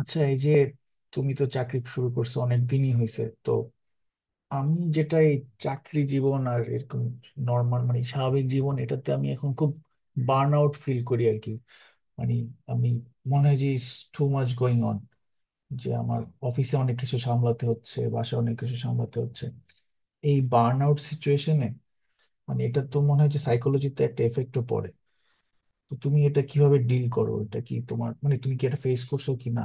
আচ্ছা, এই যে তুমি তো চাকরি শুরু করছো অনেক দিনই হয়েছে তো। আমি যেটা এই চাকরি জীবন আর এরকম নর্মাল মানে স্বাভাবিক জীবন, এটাতে আমি এখন খুব বার্ন আউট ফিল করি আর কি। মানে আমি মনে হয় যে টু মাচ গোয়িং অন, যে আমার অফিসে অনেক কিছু সামলাতে হচ্ছে, বাসায় অনেক কিছু সামলাতে হচ্ছে। এই বার্ন আউট সিচুয়েশনে মানে এটা তো মনে হয় যে সাইকোলজিতে একটা এফেক্টও পড়ে। তো তুমি এটা কিভাবে ডিল করো? এটা কি তোমার মানে তুমি কি এটা ফেস করছো কিনা,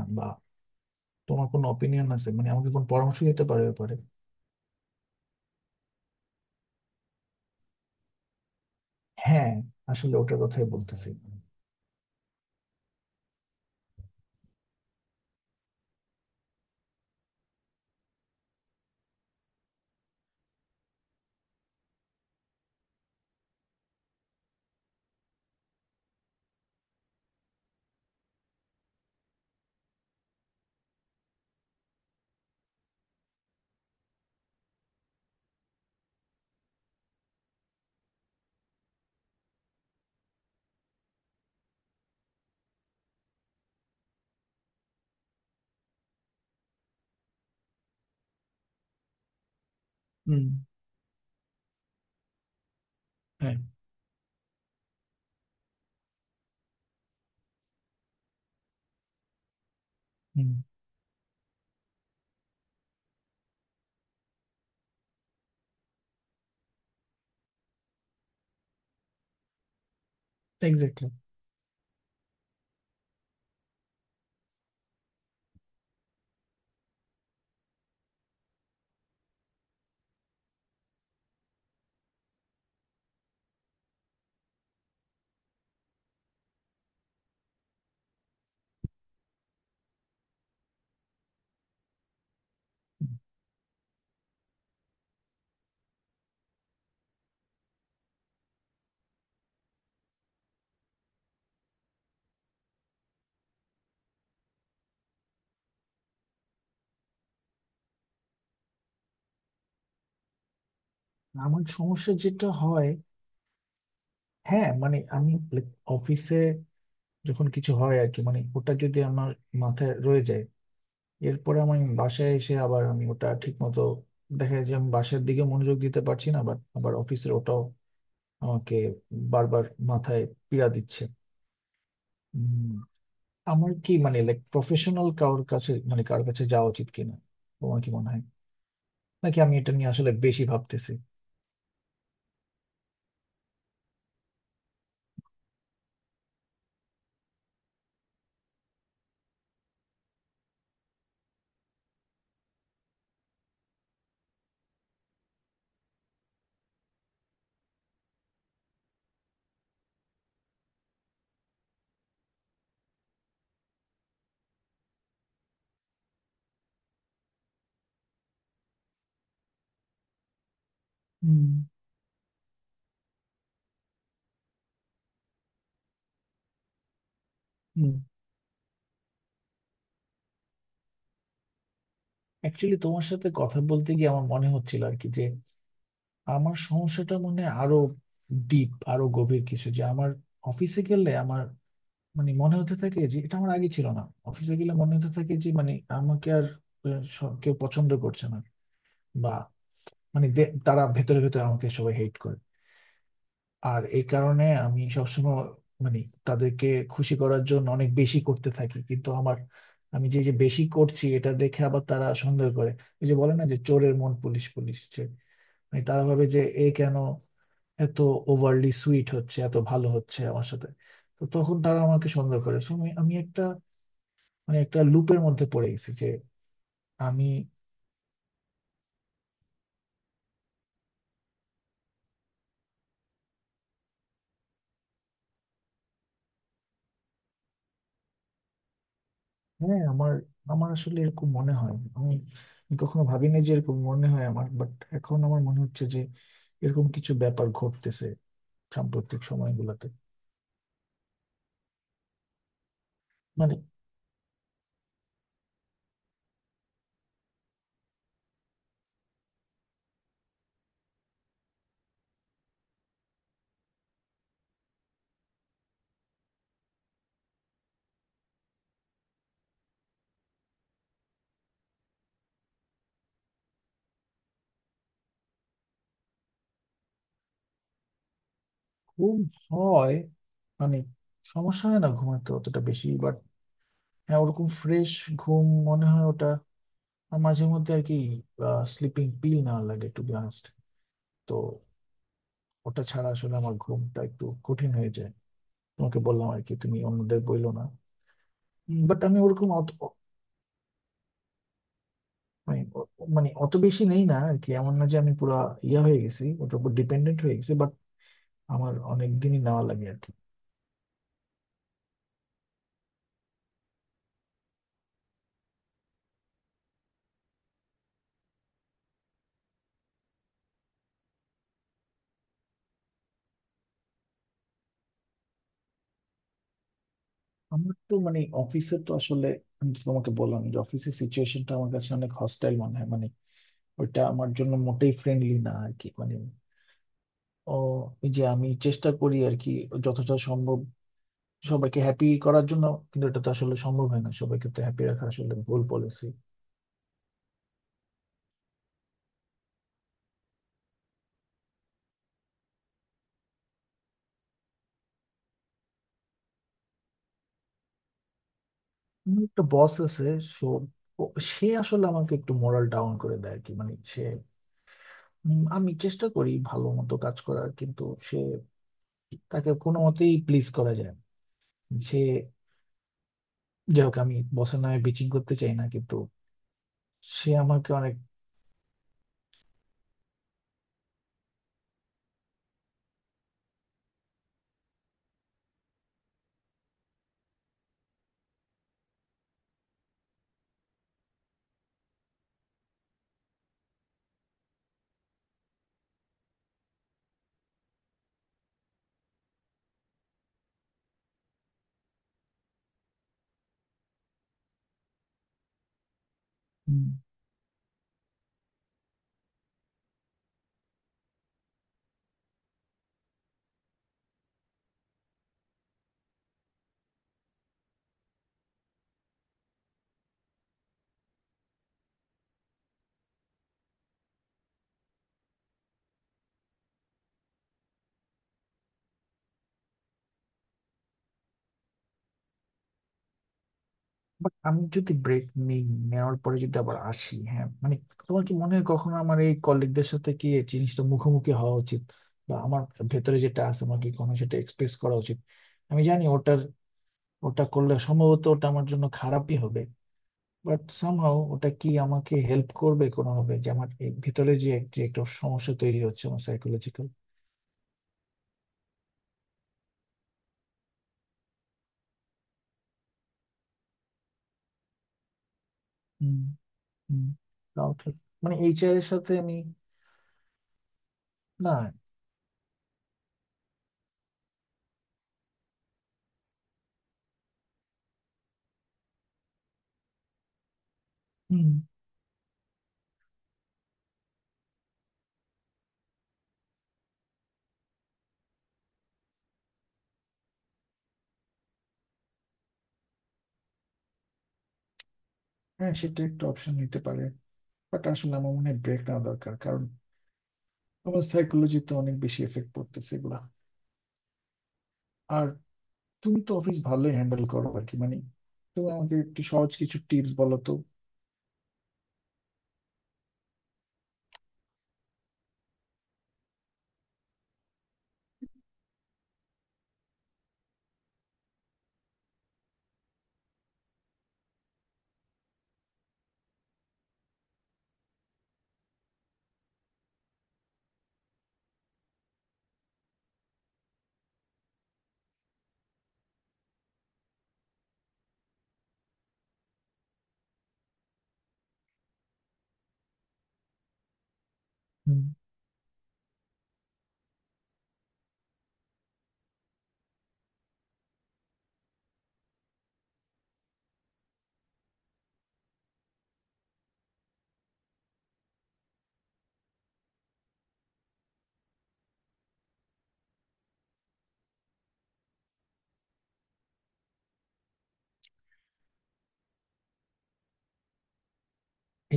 তোমার কোনো অপিনিয়ন আছে? মানে আমাকে কোন পরামর্শ দিতে পারো এ ব্যাপারে? হ্যাঁ। আসলে ওটার কথাই বলতেছি। হুম। হ্যাঁ। হুম। এক্স্যাক্টলি। আমার সমস্যা যেটা হয়, হ্যাঁ মানে আমি অফিসে যখন কিছু হয় আর কি, মানে ওটা যদি আমার মাথায় রয়ে যায়, এরপরে আমি বাসায় এসে আবার আমি ওটা ঠিক মতো দেখা যায় যে আমি বাসার দিকে মনোযোগ দিতে পারছি না, বাট আবার অফিসের ওটাও আমাকে বারবার মাথায় পীড়া দিচ্ছে। আমার কি মানে লাইক প্রফেশনাল কারোর কাছে মানে কারোর কাছে যাওয়া উচিত কিনা, তোমার কি মনে হয়? নাকি আমি এটা নিয়ে আসলে বেশি ভাবতেছি? হুম। হুম। অ্যাকচুয়ালি তোমার সাথে কথা বলতে গিয়ে আমার মনে হচ্ছিল আর কি যে আমার সমস্যাটা মনে হয় আরো ডিপ আরো গভীর কিছু। যে আমার অফিসে গেলে আমার মানে মনে হতে থাকে যে এটা আমার আগে ছিল না, অফিসে গেলে মনে হতে থাকে যে মানে আমাকে আর কেউ পছন্দ করছে না। বা মানে তারা ভেতরে ভেতরে আমাকে সবাই হেট করে। আর এই কারণে আমি সবসময় মানে তাদেরকে খুশি করার জন্য অনেক বেশি করতে থাকি, কিন্তু আমার আমি যে যে বেশি করছি এটা দেখে আবার তারা সন্দেহ করে। ওই যে বলে না যে চোরের মন পুলিশ পুলিশ, যে মানে তারা ভাবে যে এ কেন এত ওভারলি সুইট হচ্ছে, এত ভালো হচ্ছে আমার সাথে। তো তখন তারা আমাকে সন্দেহ করে। So, আমি আমি একটা মানে একটা লুপের মধ্যে পড়ে গেছি যে আমি। হ্যাঁ আমার আমার আসলে এরকম মনে হয়। আমি কখনো ভাবিনি যে এরকম মনে হয় আমার, বাট এখন আমার মনে হচ্ছে যে এরকম কিছু ব্যাপার ঘটতেছে সাম্প্রতিক সময়গুলোতে। মানে ঘুম হয়, মানে সমস্যা হয় না ঘুমাতে অতটা বেশি, বাট হ্যাঁ ওরকম ফ্রেশ ঘুম মনে হয় ওটা। আর মাঝে মধ্যে আর কি স্লিপিং পিল না লাগে টু বি অনেস্ট। তো ওটা ছাড়া আসলে আমার ঘুমটা একটু কঠিন হয়ে যায়। তোমাকে বললাম আর কি, তুমি অন্যদের বইলো না। বাট আমি ওরকম মানে মানে অত বেশি নেই না আর কি, এমন না যে আমি পুরা ইয়া হয়ে গেছি ওটার উপর ডিপেন্ডেন্ট হয়ে গেছি, বাট আমার অনেক দিনই নেওয়া লাগে আর কি। আমার তো মানে অফিসে তো আসলে আমি তো তোমাকে বললাম যে অফিসের সিচুয়েশনটা আমার কাছে অনেক হস্টাইল মনে হয়। মানে ওইটা আমার জন্য মোটেই ফ্রেন্ডলি না আর কি। মানে ও, এই যে আমি চেষ্টা করি আর কি যতটা সম্ভব সবাইকে হ্যাপি করার জন্য, কিন্তু এটা তো আসলে সম্ভব হয় না। সবাইকে তো হ্যাপি রাখা আসলে ভুল পলিসি। আমার একটা বস আছে। সো সে আসলে আমাকে একটু মোরাল ডাউন করে দেয় আর কি। মানে আমি চেষ্টা করি ভালো মতো কাজ করার, কিন্তু সে তাকে কোনো মতেই প্লিজ করা যায় না। সে, যাই হোক, আমি বসের নামে বিচিং করতে চাই না, কিন্তু সে আমাকে অনেক। বাট আমি যদি ব্রেক নিই নেওয়ার পরে যদি আবার আসি, হ্যাঁ মানে তোমার কি মনে হয় কখনো আমার এই কলিগদের সাথে কি এই জিনিসটা মুখোমুখি হওয়া উচিত? বা আমার ভেতরে যেটা আছে আমাকে কখনো সেটা এক্সপ্রেস করা উচিত? আমি জানি ওটার ওটা করলে সম্ভবত ওটা আমার জন্য খারাপই হবে, বাট সামহাও ওটা কি আমাকে হেল্প করবে কোনোভাবে, যে আমার এই ভিতরে যে যে একটা সমস্যা তৈরি হচ্ছে আমার সাইকোলজিক্যাল। হুম। হুম। তাও ঠিক। মানে এইচআর এর সাথে আমি। না। হুম। হ্যাঁ সেটা একটা অপশন নিতে পারে, বাট আসলে আমার মনে হয় ব্রেক নেওয়া দরকার, কারণ আমার সাইকোলজিতে অনেক বেশি এফেক্ট পড়তেছে এগুলা। আর তুমি তো অফিস ভালোই হ্যান্ডেল করো আর কি। মানে তুমি আমাকে একটু সহজ কিছু টিপস বলো তো। হুম।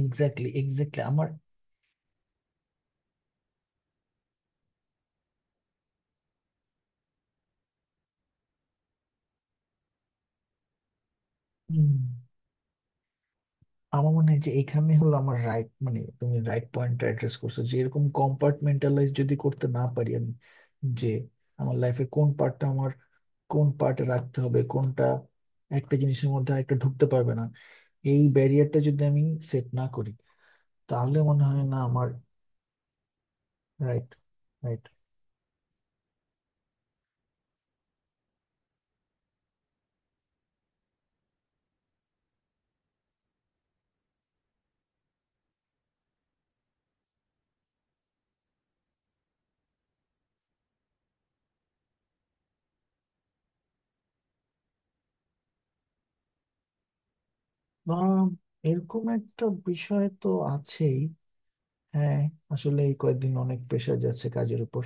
Exactly, exactly. আমার। হুম। আমার মনে হয় যে এখানে হলো আমার রাইট, মানে তুমি রাইট পয়েন্টটা অ্যাড্রেস করছো, যে এরকম কম্পার্টমেন্টালাইজ যদি করতে না পারি আমি, যে আমার লাইফের কোন পার্টটা আমার কোন পার্টে রাখতে হবে, কোনটা একটা জিনিসের মধ্যে একটা ঢুকতে পারবে না, এই ব্যারিয়ারটা যদি আমি সেট না করি, তাহলে মনে হয় না আমার। Right, right. আহ, এরকম একটা বিষয় তো আছেই। হ্যাঁ। আসলে এই কয়েকদিন অনেক প্রেশার যাচ্ছে কাজের উপর।